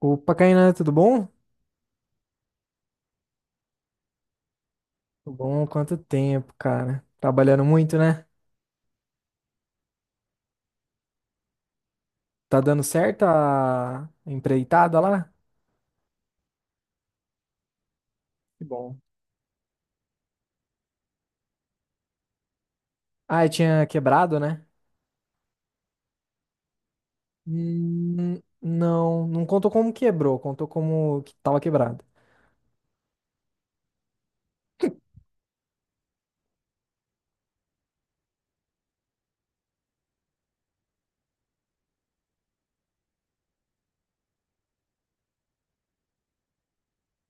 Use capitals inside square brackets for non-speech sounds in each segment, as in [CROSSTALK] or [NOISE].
Opa, Kainan, tudo bom? Tudo bom? Quanto tempo, cara? Trabalhando muito, né? Tá dando certo a empreitada lá? Que bom. Ah, e tinha quebrado, né? Não, não contou como quebrou, contou como que tava quebrado.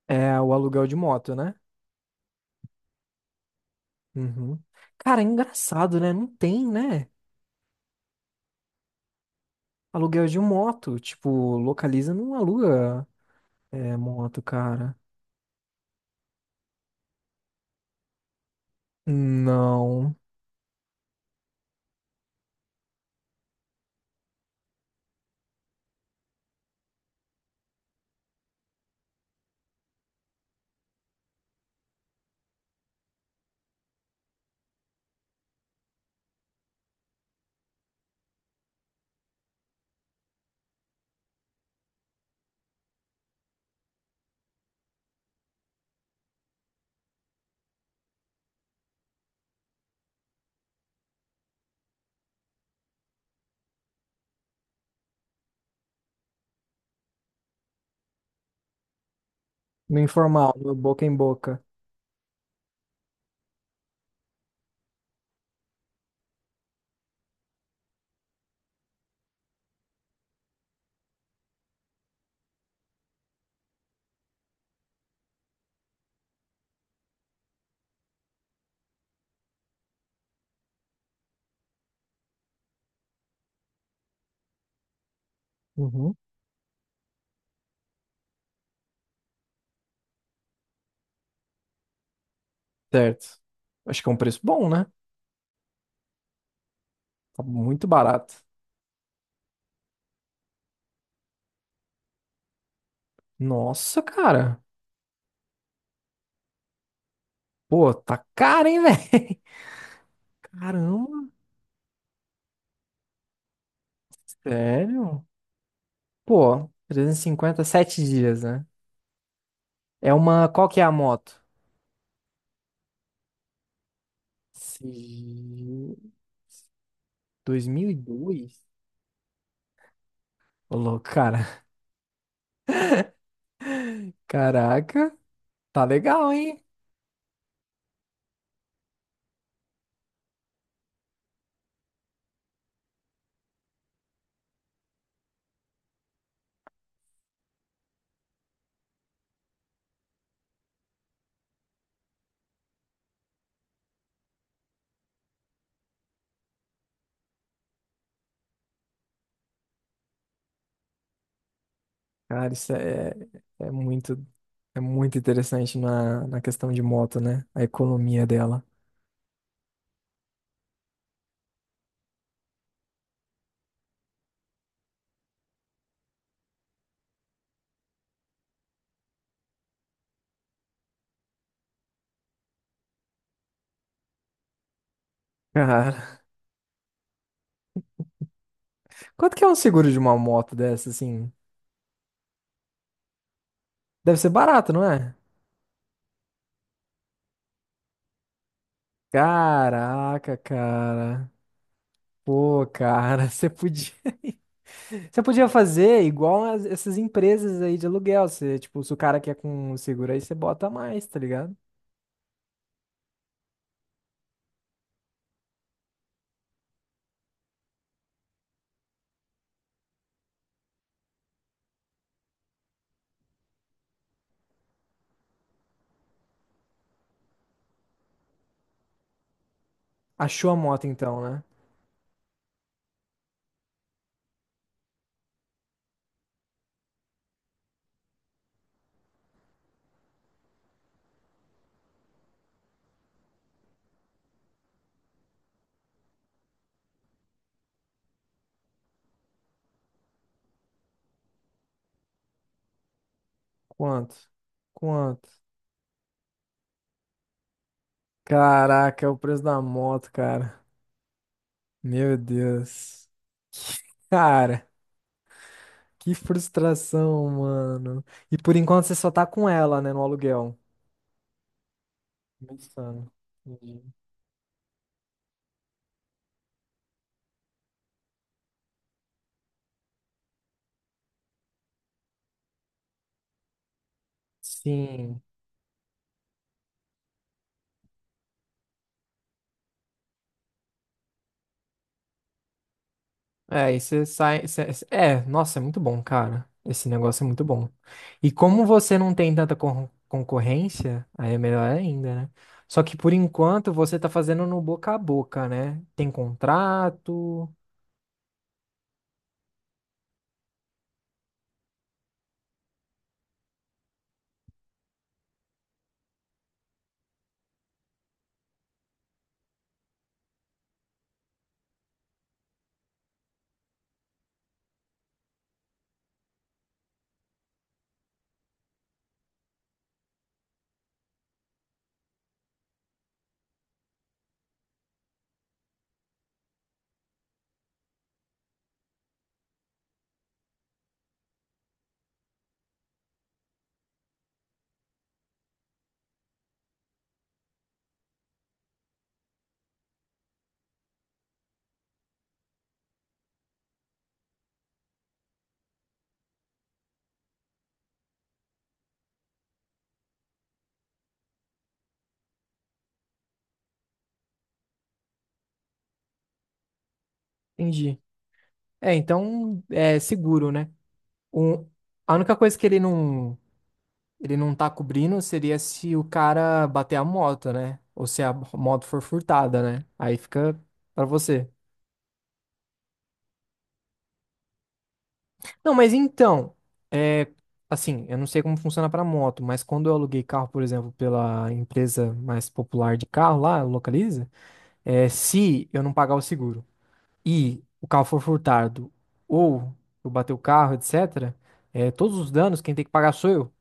É o aluguel de moto, né? Uhum. Cara, é engraçado, né? Não tem, né? Aluguel de moto. Tipo, localiza, não aluga moto, cara. Não. No informal, no boca em boca. Uhum. Certo. Acho que é um preço bom, né? Tá muito barato. Nossa, cara. Pô, tá caro, hein, velho? [LAUGHS] Caramba, sério? Pô, 350 7 dias, né? É uma. Qual que é a moto? Se- 2002? Ô, louco, cara. Caraca, tá legal, hein? Cara, isso é, é muito, é muito interessante na questão de moto, né? A economia dela. Cara, quanto que é um seguro de uma moto dessa, assim? Deve ser barato, não é? Caraca, cara. Pô, cara, [LAUGHS] você podia. [LAUGHS] Você podia fazer igual essas empresas aí de aluguel. Você, tipo, se o cara quer com seguro aí, você bota mais, tá ligado? Achou a moto então, né? Quanto? Quanto? Caraca, é o preço da moto, cara. Meu Deus. [LAUGHS] Cara, que frustração, mano. E por enquanto você só tá com ela, né, no aluguel. Insano. Entendi. Sim. É, e você sai. Cê- cê- é, nossa, é muito bom, cara. Esse negócio é muito bom. E como você não tem tanta concorrência, aí é melhor ainda, né? Só que por enquanto você tá fazendo no boca a boca, né? Tem contrato. Entendi. É, então é seguro, né? O, a única coisa que ele não tá cobrindo seria se o cara bater a moto, né? Ou se a moto for furtada, né? Aí fica pra você. Não, mas então, é, assim, eu não sei como funciona pra moto, mas quando eu aluguei carro, por exemplo, pela empresa mais popular de carro lá, Localiza, se eu não pagar o seguro e o carro for furtado ou eu bater o carro, etc., todos os danos quem tem que pagar sou eu,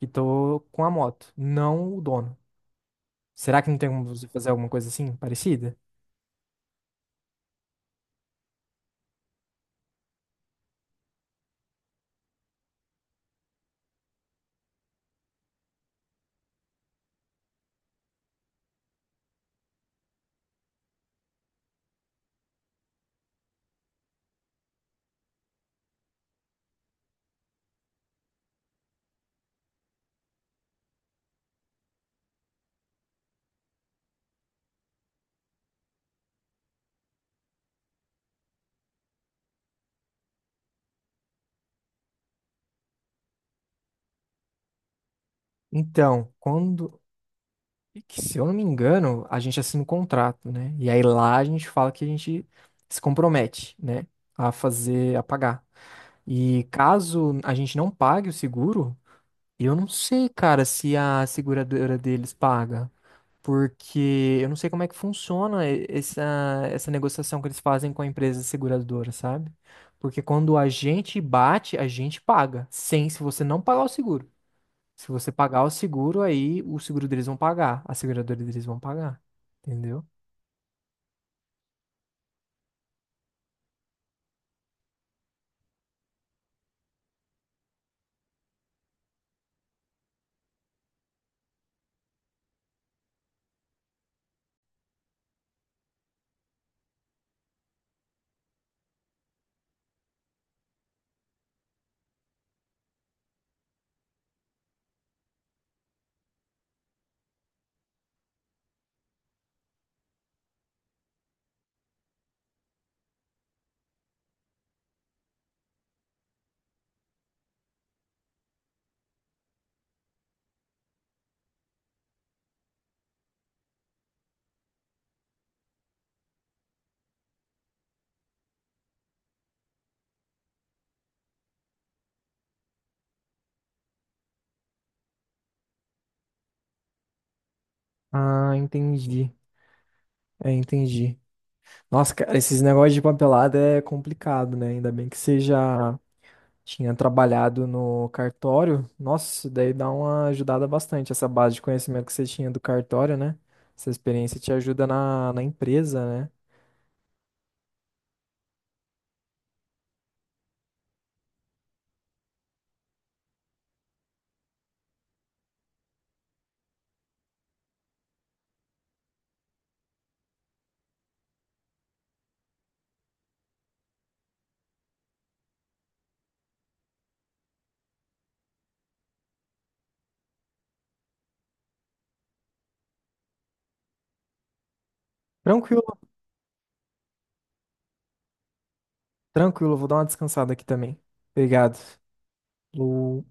que tô com a moto, não o dono. Será que não tem como você fazer alguma coisa assim, parecida? Então, quando E que, se eu não me engano, a gente assina um contrato, né? E aí lá a gente fala que a gente se compromete, né? A fazer, a pagar. E caso a gente não pague o seguro, eu não sei, cara, se a seguradora deles paga. Porque eu não sei como é que essa, essa negociação que eles fazem com a empresa seguradora, sabe? Porque quando a gente bate, a gente paga. Sem, se você não pagar o seguro. Se você pagar o seguro, aí o seguro deles vão pagar. A seguradora deles vão pagar. Entendeu? Ah, entendi. É, entendi. Nossa, cara, esses negócios de papelada é complicado, né? Ainda bem que você já tinha trabalhado no cartório. Nossa, isso daí dá uma ajudada bastante, essa base de conhecimento que você tinha do cartório, né? Essa experiência te ajuda na empresa, né? Tranquilo, tranquilo. Vou dar uma descansada aqui também. Obrigado. Lu.